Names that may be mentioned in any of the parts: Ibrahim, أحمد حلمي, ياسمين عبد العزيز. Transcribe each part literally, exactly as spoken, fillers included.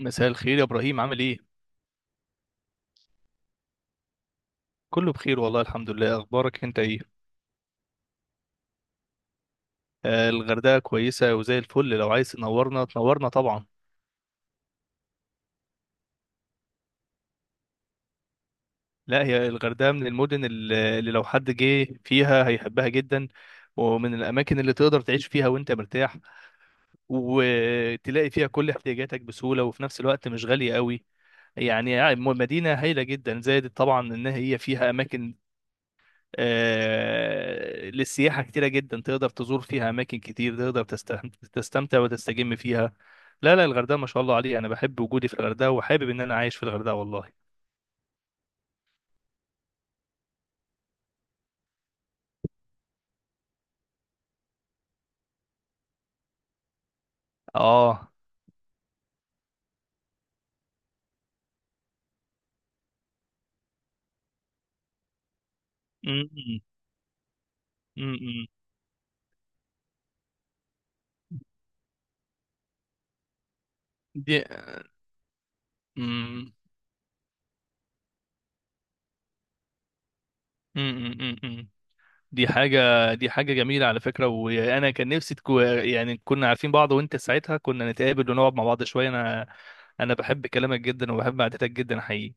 مساء الخير يا ابراهيم، عامل ايه؟ كله بخير والله، الحمد لله. اخبارك انت ايه؟ آه، الغردقه كويسه وزي الفل. لو عايز تنورنا، تنورنا طبعا. لا، هي الغردقه من المدن ال- اللي لو حد جه فيها هيحبها جدا، ومن الاماكن اللي تقدر تعيش فيها وانت مرتاح، وتلاقي فيها كل احتياجاتك بسهوله، وفي نفس الوقت مش غاليه قوي. يعني م- مدينه هايله جدا، زائد طبعا ان هي فيها اماكن آه، للسياحة كتيرة جدا. تقدر تزور فيها أماكن كتير، تقدر تستمتع تستمتع وتستجم فيها. لا لا، الغردقة ما شاء الله عليها. أنا بحب وجودي في الغردقة وحابب إن أنا عايش في الغردقة والله. آه. أمم. أمم. دي أمم. أمم. أمم. دي حاجة دي حاجة جميلة على فكرة. وأنا كان نفسي تكو يعني كنا عارفين بعض، وأنت ساعتها كنا نتقابل ونقعد مع بعض شوية. أنا أنا بحب كلامك جدا وبحب قعدتك جدا حقيقي.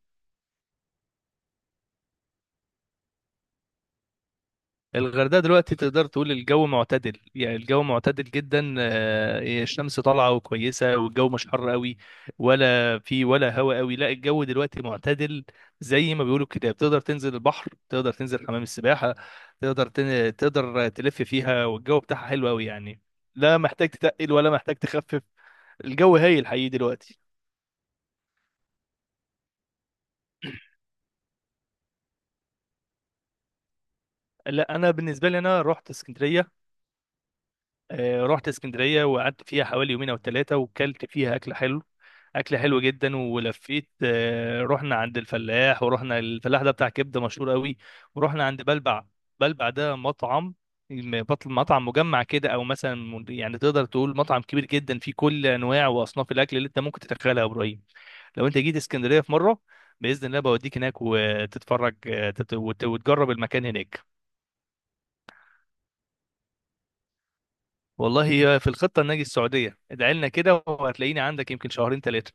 الغردقة دلوقتي تقدر تقول الجو معتدل، يعني الجو معتدل جدا. آه، الشمس طالعة وكويسة، والجو مش حر قوي، ولا في ولا هواء قوي. لا، الجو دلوقتي معتدل زي ما بيقولوا كده. بتقدر تنزل البحر، تقدر تنزل حمام السباحة، تقدر تن... تقدر تلف فيها، والجو بتاعها حلو قوي يعني. لا محتاج تتقل ولا محتاج تخفف. الجو هايل حقيقي دلوقتي. لا، انا بالنسبة لي انا رحت اسكندرية. آه، رحت اسكندريه وقعدت فيها حوالي يومين او ثلاثه، وكلت فيها اكل حلو، اكل حلو جدا ولفيت. آه، رحنا عند الفلاح، ورحنا الفلاح ده بتاع كبده مشهور قوي. ورحنا عند بلبع. بلبع ده مطعم بطل، مطعم مجمع كده، او مثلا من- يعني تقدر تقول مطعم كبير جدا فيه كل انواع واصناف الاكل اللي انت ممكن تتخيلها يا ابراهيم. لو انت جيت اسكندريه في مره، باذن الله بوديك هناك وتتفرج. آه، تت- وت- وتجرب المكان هناك. والله، هي في الخطة ان اجي السعودية، ادعي لنا كده وهتلاقيني عندك يمكن شهرين ثلاثة.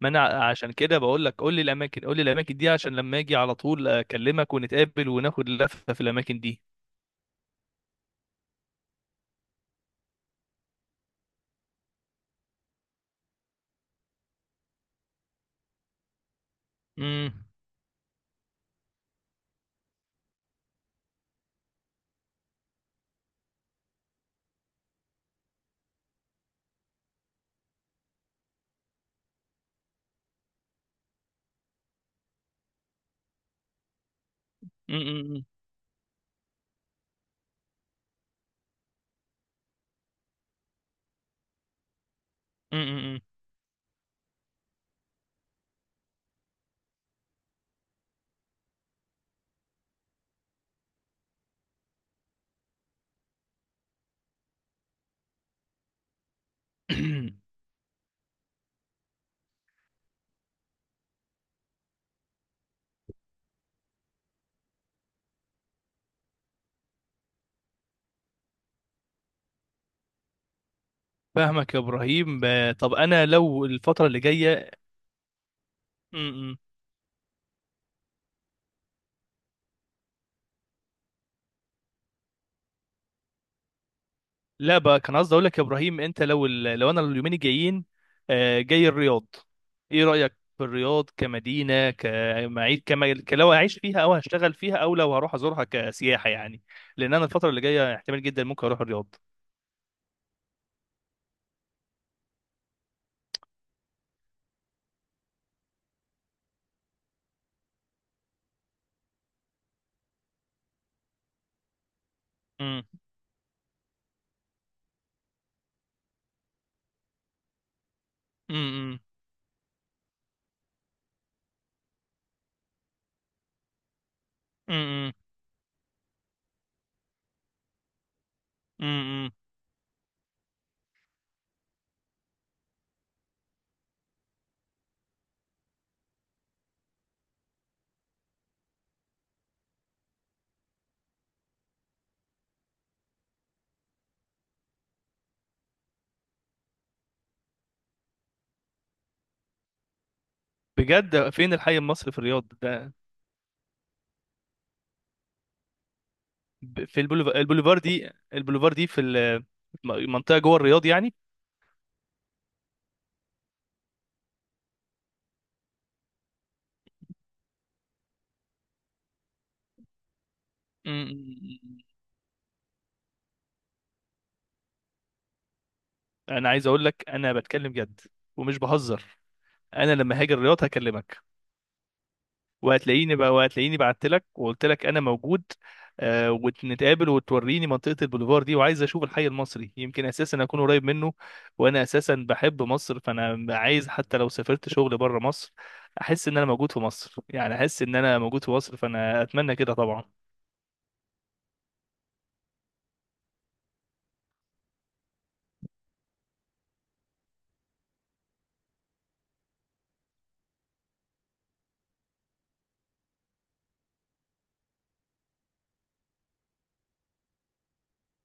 ما انا ع- عشان كده بقول لك، قول لي الاماكن قول لي الاماكن دي عشان لما اجي على طول اكلمك ونتقابل وناخد لفة في الاماكن دي. امم. امم. امم. فاهمك يا ابراهيم. ب- طب انا لو الفترة اللي جاية. مم. لا بقى، كان قصدي اقول لك يا ابراهيم، انت لو ال... لو انا اليومين الجايين آه، جاي الرياض. ايه رايك في الرياض كمدينه، كمعيد، كما ك- لو اعيش فيها او هشتغل فيها او لو هروح ازورها كسياحه يعني. لان انا الفتره اللي جايه احتمال جدا ممكن اروح الرياض. امم. امم. امم. امم. بجد؟ فين الحي المصري في الرياض ده؟ ب- في البوليف- البوليفار دي. البوليفار دي في ال- المنطقه جوه الرياض يعني. امم. انا عايز اقول لك انا بتكلم جد ومش بهزر. انا لما هاجي الرياض هكلمك، وهتلاقيني بقى، وهتلاقيني بعت لك وقلت لك انا موجود. آه. ونتقابل وتوريني منطقة البوليفار دي، وعايز اشوف الحي المصري، يمكن اساسا اكون قريب منه. وانا اساسا بحب مصر، فانا عايز حتى لو سافرت شغل بره مصر، احس ان انا موجود في مصر. يعني احس ان انا موجود في مصر، فانا اتمنى كده طبعا.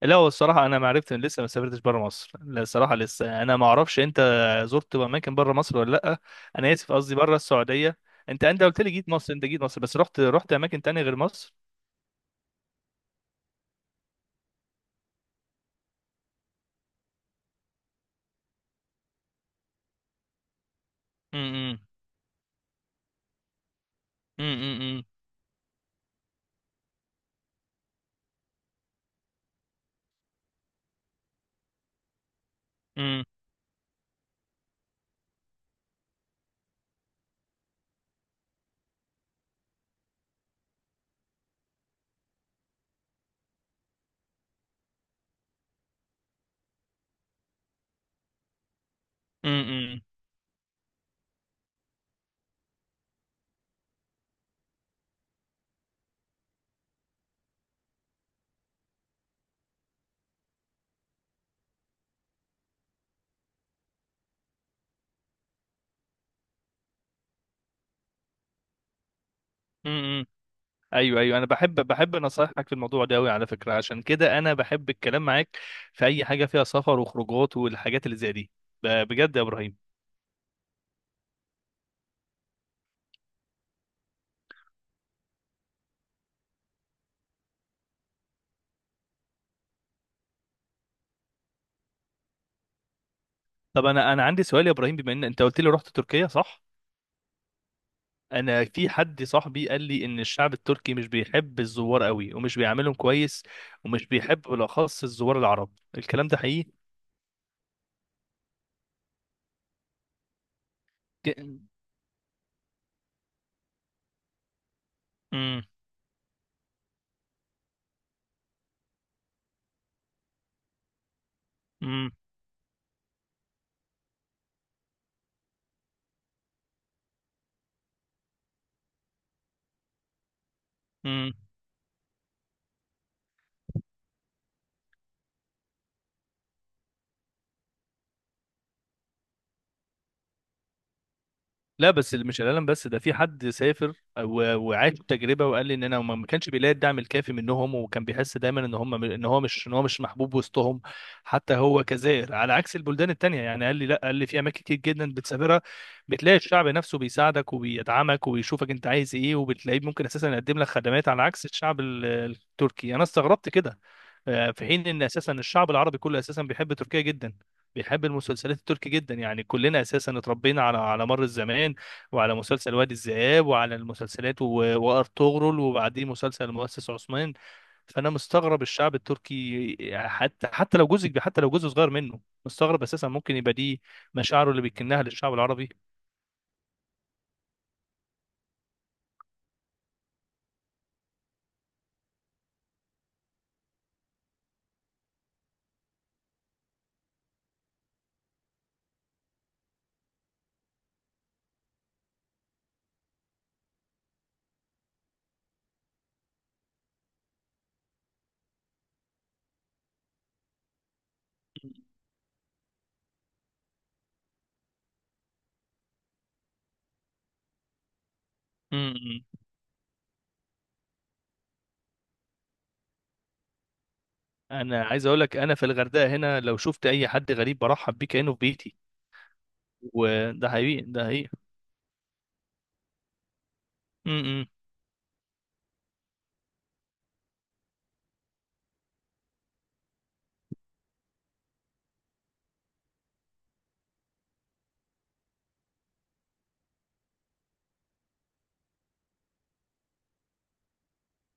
لا، هو الصراحة أنا ما عرفت إن لسه ما سافرتش بره مصر. لا، الصراحة لسه أنا ما أعرفش. أنت زرت أماكن بره مصر ولا لأ؟ أنا آسف، قصدي بره السعودية. أنت أنت قلت لي جيت مصر. أنت جيت مصر بس رحت رحت أماكن تانية غير مصر. امم. امم. امم. امم. امم. ايوه ايوه، انا بحب بحب نصايحك في الموضوع ده قوي على فكره، عشان كده انا بحب الكلام معاك في اي حاجه فيها سفر وخروجات والحاجات اللي زي دي. ب- بجد يا ابراهيم. طب انا انا عندي سؤال يا ابراهيم، بما ان انت قلت لي رحت تركيا صح؟ انا في حد صاحبي قال لي ان الشعب التركي مش بيحب الزوار قوي ومش بيعاملهم كويس، ومش بيحب بالاخص الزوار العرب. الكلام ده حقيقي؟ امم. امم. امم. لا بس اللي مش الالم، بس ده في حد سافر و- وعاش تجربه وقال لي ان انا ما ما كانش بيلاقي الدعم الكافي منهم، وكان بيحس دايما ان هم، ان هو مش ان هو مش محبوب وسطهم، حتى هو كزائر. على عكس البلدان التانيه يعني، قال لي لا، قال لي في اماكن كتير جدا بتسافرها بتلاقي الشعب نفسه بيساعدك وبيدعمك وبيشوفك انت عايز ايه، وبتلاقيه ممكن اساسا يقدم لك خدمات، على عكس الشعب ال- التركي. انا استغربت كده. آه، في حين ان اساسا الشعب العربي كله اساسا بيحب تركيا جدا، بيحب المسلسلات التركي جدا. يعني كلنا اساسا اتربينا على على مر الزمان، وعلى مسلسل وادي الذئاب، وعلى المسلسلات و... وارطغرل، وبعدين مسلسل المؤسس عثمان. فانا مستغرب الشعب التركي، حتى حتى لو جزء حتى لو جزء صغير منه، مستغرب اساسا ممكن يبقى دي مشاعره اللي بيكنها للشعب العربي. امم. انا عايز اقول لك انا في الغردقه هنا لو شفت اي حد غريب برحب بيه كانه في بيتي. وده حقيقي، ده حقيقي.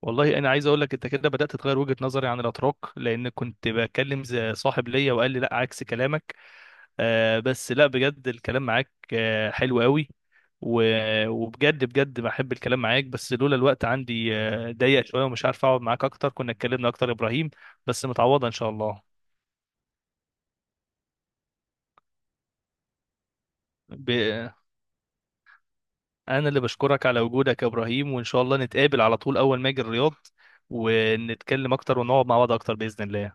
والله انا عايز اقول لك، انت كده بدات تغير وجهه نظري عن الاتراك، لان كنت بكلم زي صاحب ليا وقال لي لا عكس كلامك. آه، بس لا، بجد الكلام معاك آه حلو قوي، و- وبجد بجد بحب الكلام معاك. بس لولا الوقت عندي آه ضيق شويه ومش عارف اقعد معاك اكتر، كنا اتكلمنا اكتر يا ابراهيم. بس متعوضه ان شاء الله. ب... انا اللي بشكرك على وجودك يا ابراهيم، وان شاء الله نتقابل على طول اول ما اجي الرياض، ونتكلم اكتر ونقعد مع بعض اكتر باذن الله.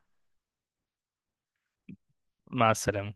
مع السلامه.